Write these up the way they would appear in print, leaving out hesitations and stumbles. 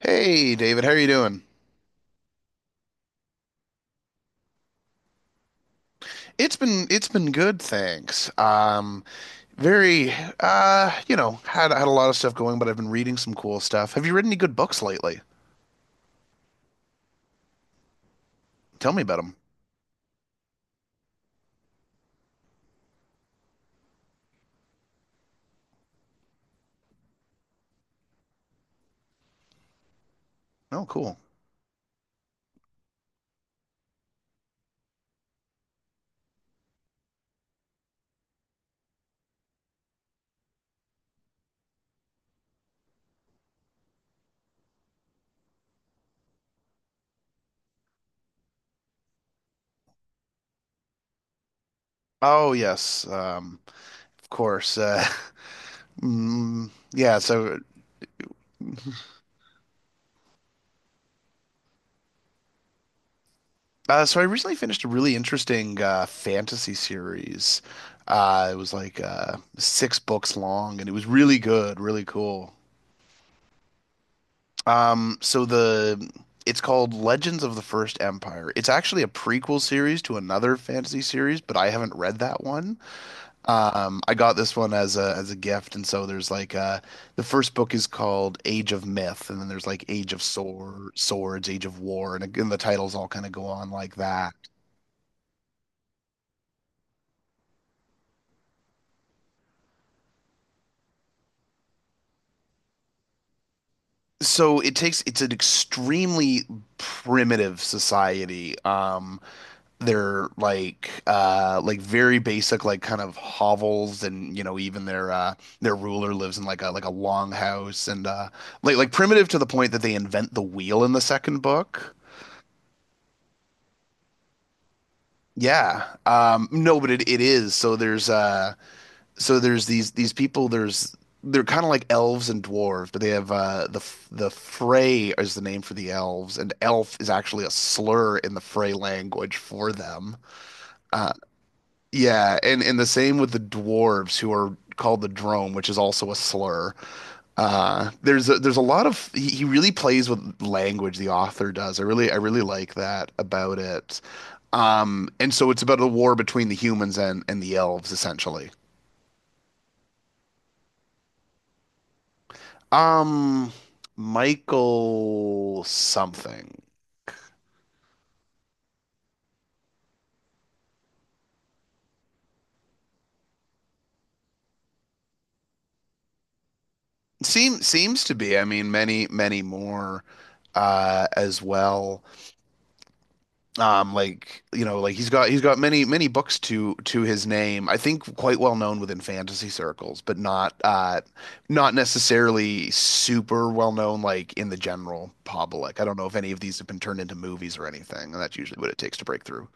Hey David, how are you doing? It's been good, thanks. Very, you know, had a lot of stuff going, but I've been reading some cool stuff. Have you read any good books lately? Tell me about them. Oh, cool. Oh, yes. Of course. Yeah, so so I recently finished a really interesting fantasy series. It was like six books long and it was really good, really cool. So the it's called Legends of the First Empire. It's actually a prequel series to another fantasy series, but I haven't read that one. I got this one as a gift, and so there's like the first book is called Age of Myth, and then there's like Age of Sword, Swords, Age of War, and the titles all kind of go on like that. It's an extremely primitive society. Their like very basic like kind of hovels, and you know, even their ruler lives in like a long house, and like primitive to the point that they invent the wheel in the second book. Yeah. No, but it is. So there's these people there's they're kind of like elves and dwarves, but they have the Frey is the name for the elves, and elf is actually a slur in the Frey language for them. Yeah, and the same with the dwarves who are called the drome, which is also a slur. There's a lot of he really plays with language, the author does. I really like that about it. And so it's about a war between the humans and the elves essentially. Um, Michael something. Seems to be. I mean, many more as well. Like you know, like he's got many many books to his name. I think quite well known within fantasy circles, but not necessarily super well known like in the general public. I don't know if any of these have been turned into movies or anything, and that's usually what it takes to break through.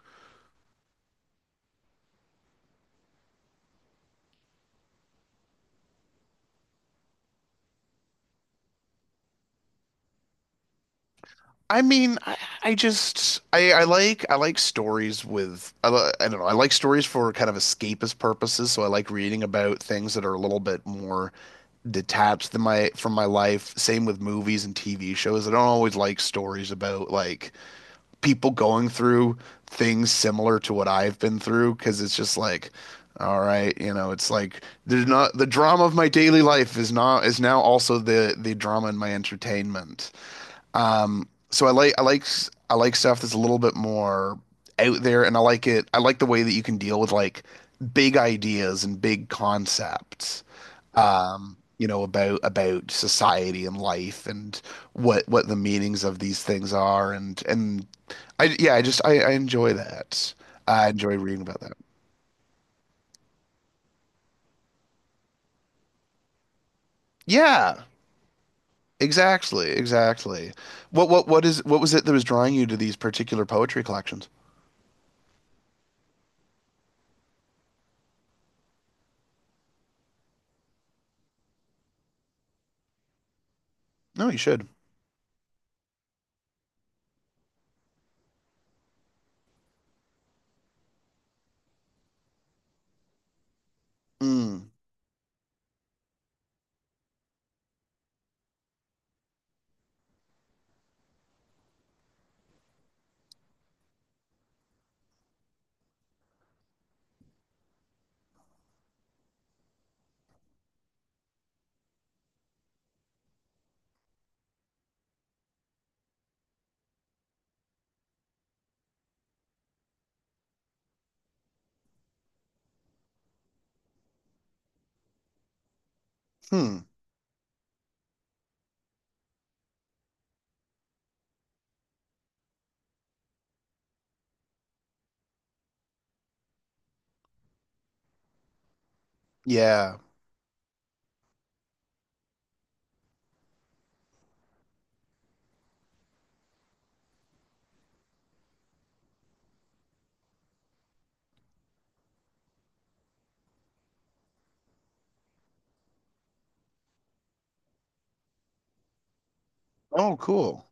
I mean, I just I I like stories with I don't know, I like stories for kind of escapist purposes. So I like reading about things that are a little bit more detached than my from my life. Same with movies and TV shows. I don't always like stories about like people going through things similar to what I've been through, because it's just like, all right, you know, it's like there's not the drama of my daily life is not is now also the drama in my entertainment. So I like stuff that's a little bit more out there, and I like it. I like the way that you can deal with like big ideas and big concepts. You know, about society and life, and what the meanings of these things are, and I yeah, I just, I enjoy that. I enjoy reading about that. Yeah, exactly, exactly. What is what was it that was drawing you to these particular poetry collections? No, you should. Mm. Hmm. Yeah. Oh, cool.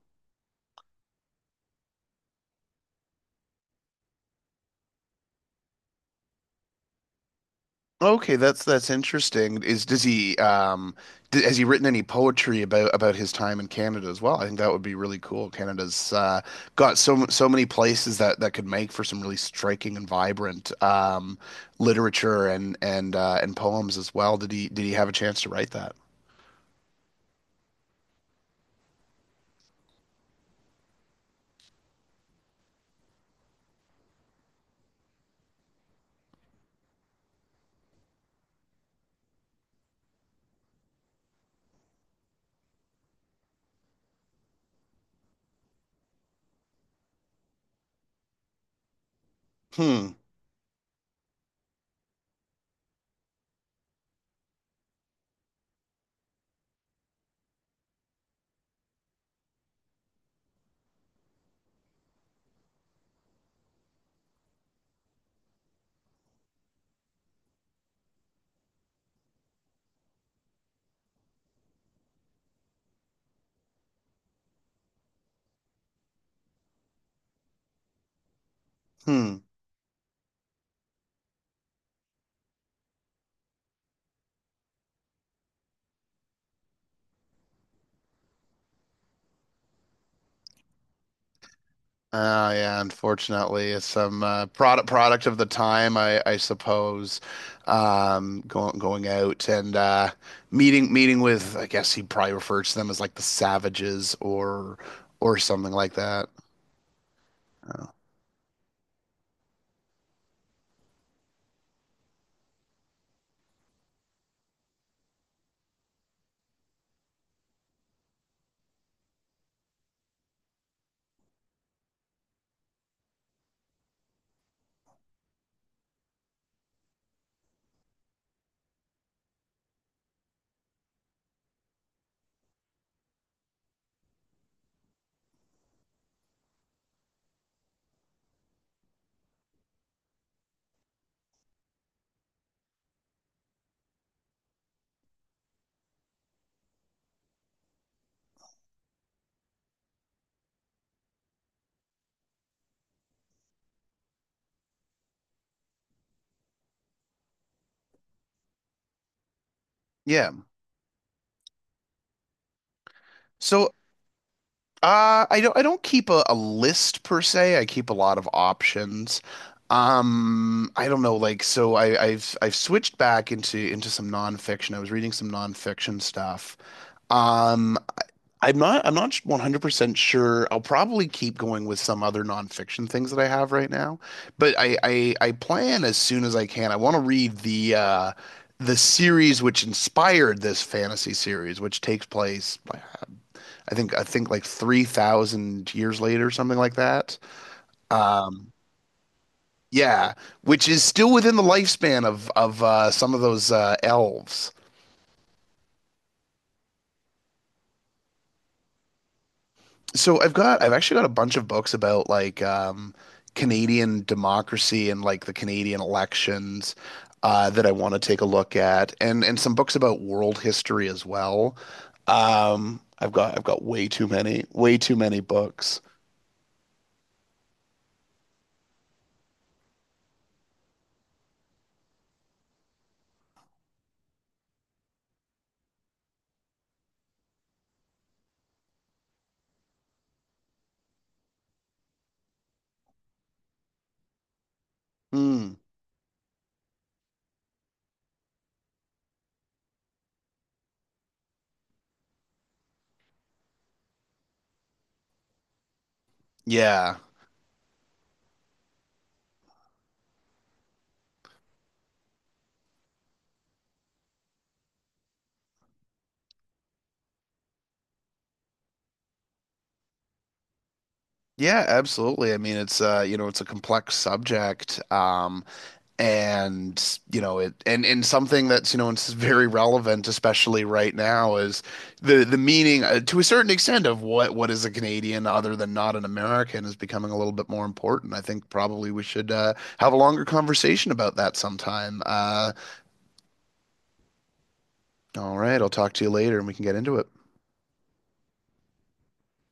Okay, that's interesting. Is does he d has he written any poetry about his time in Canada as well? I think that would be really cool. Canada's got so many places that could make for some really striking and vibrant literature and and poems as well. Did he have a chance to write that? Hmm. Hmm. Yeah, unfortunately, it's some product of the time, I suppose. Going out and, meeting with, I guess he probably refers to them as like the savages, or something like that. Yeah. So, I don't keep a list per se. I keep a lot of options. I don't know, like so I've switched back into some nonfiction. I was reading some nonfiction stuff. Um, I'm not 100% sure. I'll probably keep going with some other nonfiction things that I have right now, but I plan as soon as I can. I want to read the series which inspired this fantasy series, which takes place I think like 3,000 years later, something like that. Um yeah, which is still within the lifespan of some of those elves. So I've actually got a bunch of books about like Canadian democracy and like the Canadian elections, that I want to take a look at, and some books about world history as well. I've got way too many books. Hmm. Yeah. Yeah, absolutely. I mean, it's you know, it's a complex subject. And you know it, and something that's, you know, it's very relevant especially right now is the meaning, to a certain extent, of what is a Canadian other than not an American is becoming a little bit more important. I think probably we should, have a longer conversation about that sometime. All right, I'll talk to you later and we can get into it.